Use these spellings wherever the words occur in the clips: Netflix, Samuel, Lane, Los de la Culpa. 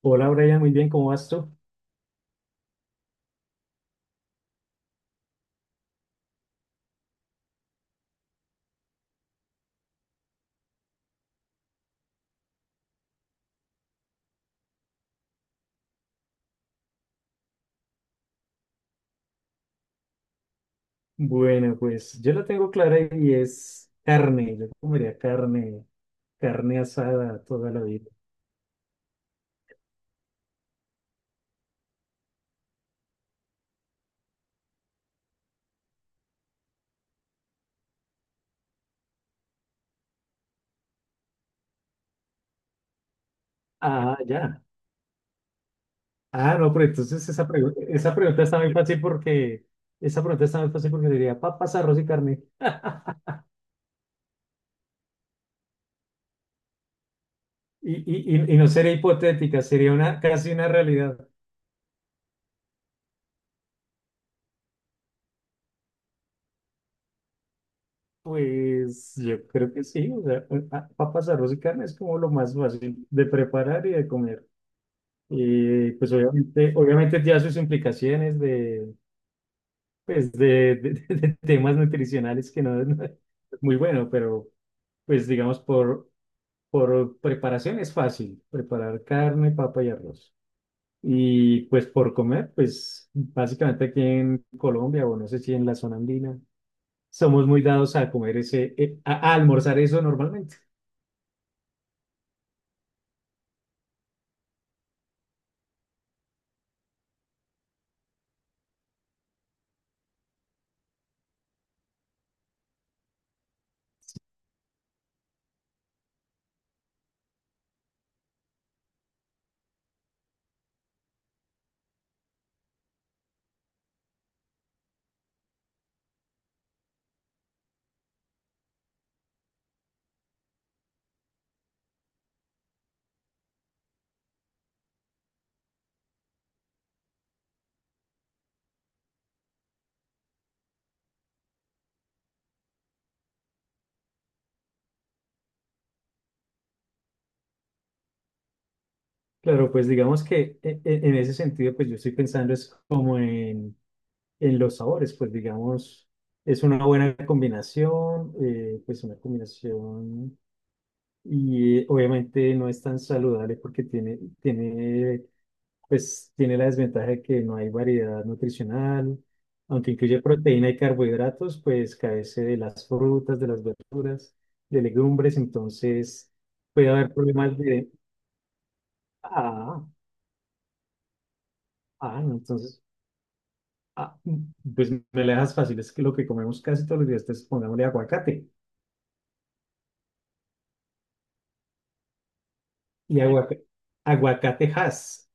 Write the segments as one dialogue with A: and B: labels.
A: Hola Brian, muy bien, ¿cómo vas tú? Bueno, pues yo la tengo clara y es carne. Yo comería carne, carne asada toda la vida. Ah, ya. Ah, no, pero entonces esa pregunta está muy fácil porque diría papas, arroz y carne. Y no sería hipotética, sería una casi una realidad. Pues yo creo que sí, o sea, papas, arroz y carne es como lo más fácil de preparar y de comer. Y pues obviamente ya sus implicaciones de de temas nutricionales que no, no es muy bueno, pero pues digamos por preparación es fácil, preparar carne, papa y arroz. Y pues por comer, pues básicamente aquí en Colombia o no sé si en la zona andina, somos muy dados a comer ese, a almorzar eso normalmente. Claro, pues digamos que en ese sentido, pues yo estoy pensando es como en los sabores, pues digamos, es una buena combinación, pues una combinación y obviamente no es tan saludable porque pues tiene la desventaja de que no hay variedad nutricional, aunque incluye proteína y carbohidratos, pues carece de las frutas, de las verduras, de legumbres, entonces puede haber problemas de, ah, no, entonces, ah, pues me la dejas fácil, es que lo que comemos casi todos los días, entonces pongámosle aguacate. Y aguacatejas,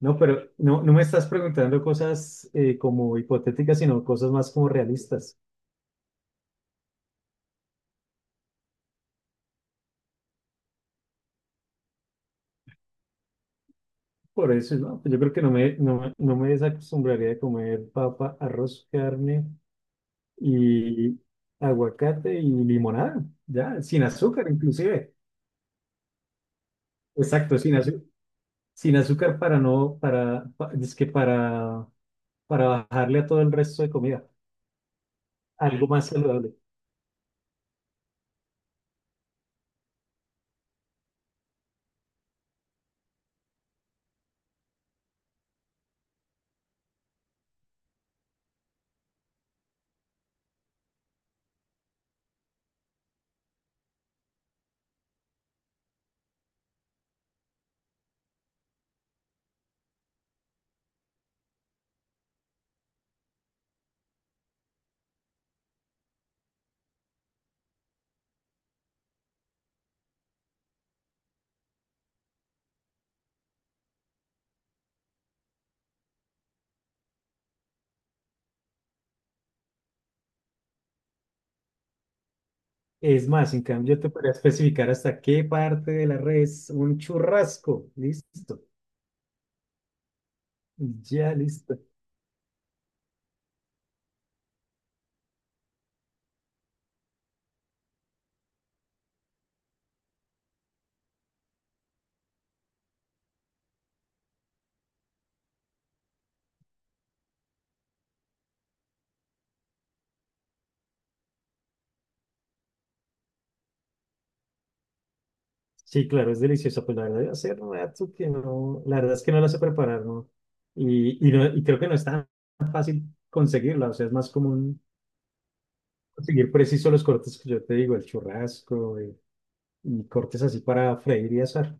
A: ¿no? Pero no, no me estás preguntando cosas como hipotéticas, sino cosas más como realistas. Por eso, ¿no? Pues yo creo que no me desacostumbraría de comer papa, arroz, carne y aguacate y limonada, ya, sin azúcar inclusive. Exacto, sin azúcar. Sin azúcar para no, para, pa- es que para bajarle a todo el resto de comida. Algo más saludable. Es más, en cambio, te podría especificar hasta qué parte de la red es un churrasco. Listo. Ya, listo. Sí, claro, es delicioso. Pues la verdad, yo hace rato que no. La verdad es que no la sé preparar, ¿no? Y no, creo que no es tan fácil conseguirla. O sea, es más común conseguir preciso los cortes que yo te digo, el churrasco y, cortes así para freír y asar.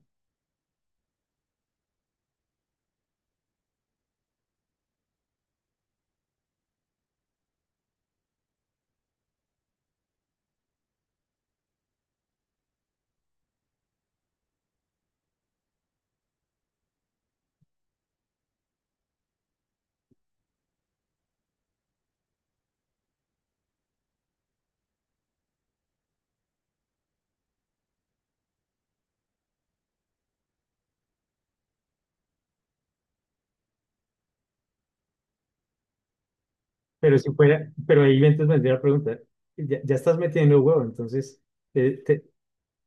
A: Pero si fuera, pero ahí entonces vendría la pregunta. Ya, ya estás metiendo huevo, entonces. te, te-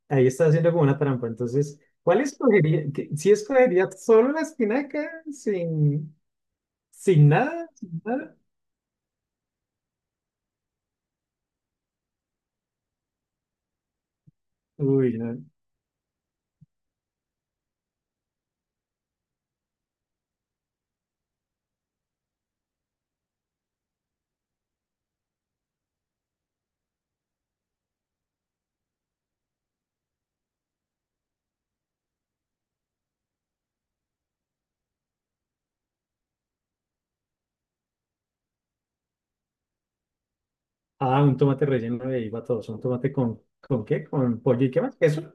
A: Ahí está haciendo como una trampa. Entonces, ¿cuál escogería? ¿Si escogería solo la espinaca sin nada? ¿Sin nada? Uy, no. Ah, un tomate relleno de ahí va todo. ¿Un tomate con qué? ¿Con pollo y qué más? ¿Eso?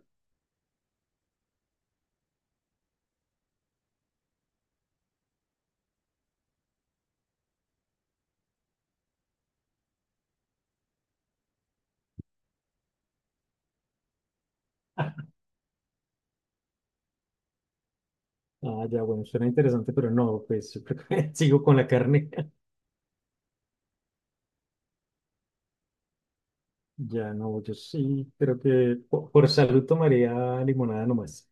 A: Ah, ya, bueno, suena interesante, pero no, pues yo creo que sigo con la carne. Ya no, yo sí creo que por salud tomaría limonada nomás.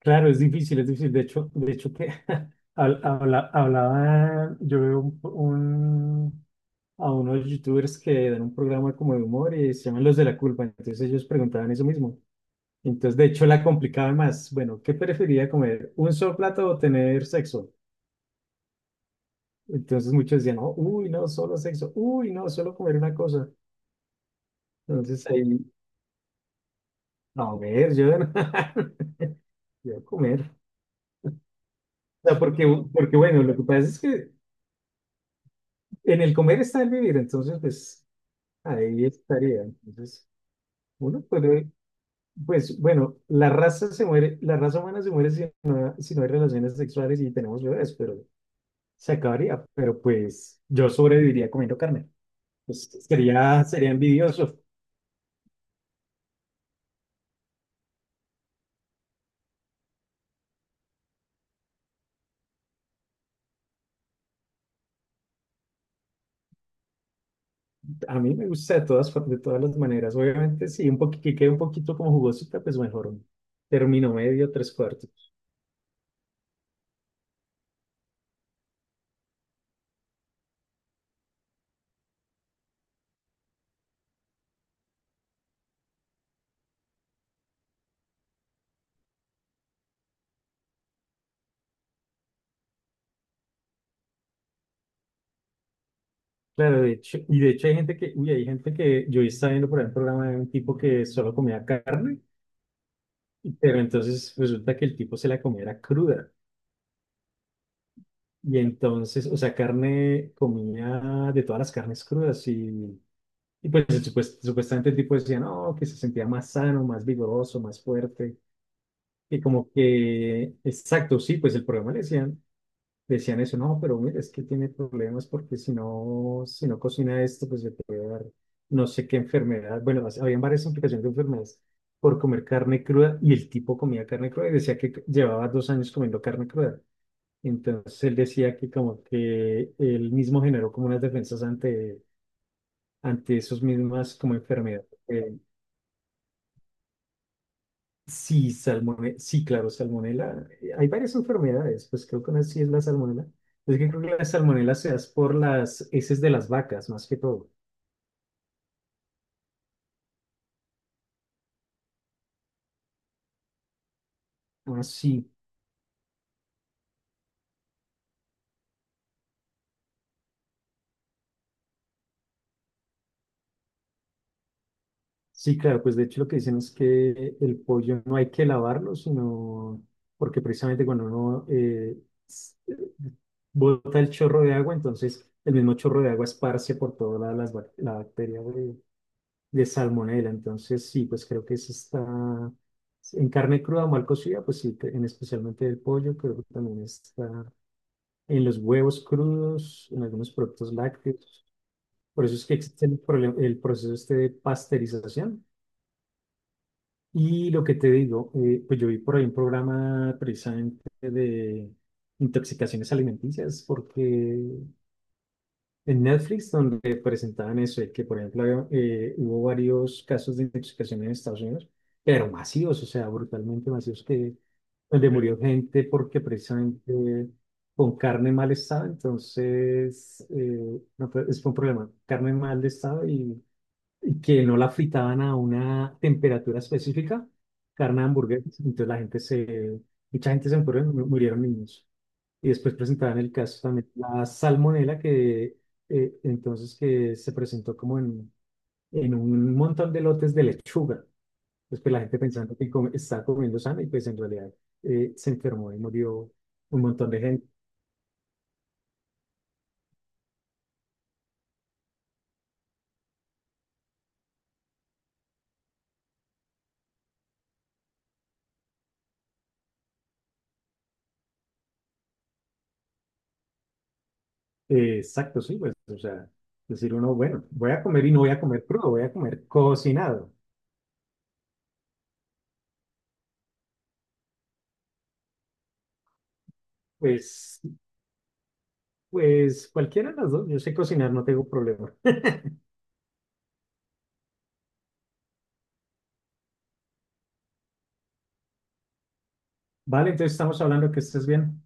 A: Claro, es difícil, es difícil. De hecho que hablaba, yo veo a unos youtubers que dan un programa como de humor y se llaman Los de la Culpa. Entonces ellos preguntaban eso mismo. Entonces, de hecho, la complicaban más. Bueno, ¿qué preferiría comer? ¿Un solo plato o tener sexo? Entonces muchos decían, no, uy, no, solo sexo. Uy, no, solo comer una cosa. Entonces ahí, no, a ver, yo, yo comer. O sea, porque bueno, lo que pasa es que en el comer está el vivir, entonces pues ahí estaría. Entonces, uno puede, pues bueno, la raza se muere, la raza humana se muere si no hay relaciones sexuales y tenemos bebés, pero se acabaría. Pero pues yo sobreviviría comiendo carne. Pues sería envidioso. A mí me gusta de todas las maneras. Obviamente, si un poquito, que quede un poquito como jugosita, pues mejor. Un término medio, tres cuartos. Claro, y de hecho hay gente que, uy, hay gente que yo estaba viendo por ahí un programa de un tipo que solo comía carne. Pero entonces resulta que el tipo se la comía era cruda. Y entonces, o sea, carne, comía de todas las carnes crudas. Y pues supuestamente el tipo decía, no, que se sentía más sano, más vigoroso, más fuerte. Y como que, exacto, sí, pues el problema le decían eso, no, pero mira, es que tiene problemas porque si no cocina esto, pues le puede dar no sé qué enfermedad. Bueno, habían varias implicaciones de enfermedades por comer carne cruda y el tipo comía carne cruda y decía que llevaba 2 años comiendo carne cruda. Entonces él decía que como que él mismo generó como unas defensas ante, esas mismas como enfermedades. Sí, sí, claro, salmonela. Hay varias enfermedades, pues creo que una sí es la salmonela. Es que creo que la salmonela se da por las heces de las vacas, más que todo. Ah, sí, sí, claro, pues de hecho lo que dicen es que el pollo no hay que lavarlo, sino porque precisamente cuando uno s- bota el chorro de agua, entonces el mismo chorro de agua esparce por toda la bacteria de salmonela. Entonces, sí, pues creo que eso está en carne cruda o mal cocida, pues sí, en especialmente el pollo, creo que también está en los huevos crudos, en algunos productos lácteos. Por eso es que existe el proceso este de pasteurización. Y lo que te digo, pues yo vi por ahí un programa precisamente de intoxicaciones alimenticias, porque en Netflix donde presentaban eso, de que por ejemplo había, hubo varios casos de intoxicación en Estados Unidos, pero masivos, o sea, brutalmente masivos, que, donde murió gente porque precisamente con carne en mal estado, entonces no, fue- es fue un problema, carne en mal estado y, que no la fritaban a una temperatura específica, carne de hamburguesas, entonces mucha gente se murió, murieron niños. Y después presentaban el caso también, de la salmonela, que entonces que se presentó como en un montón de lotes de lechuga. Después la gente pensando que estaba comiendo sano y pues en realidad se enfermó y murió un montón de gente. Exacto, sí, pues, o sea, decir uno, bueno, voy a comer y no voy a comer crudo, voy a comer cocinado. Pues, pues cualquiera de las dos, yo sé cocinar, no tengo problema. Vale, entonces estamos hablando que estés bien.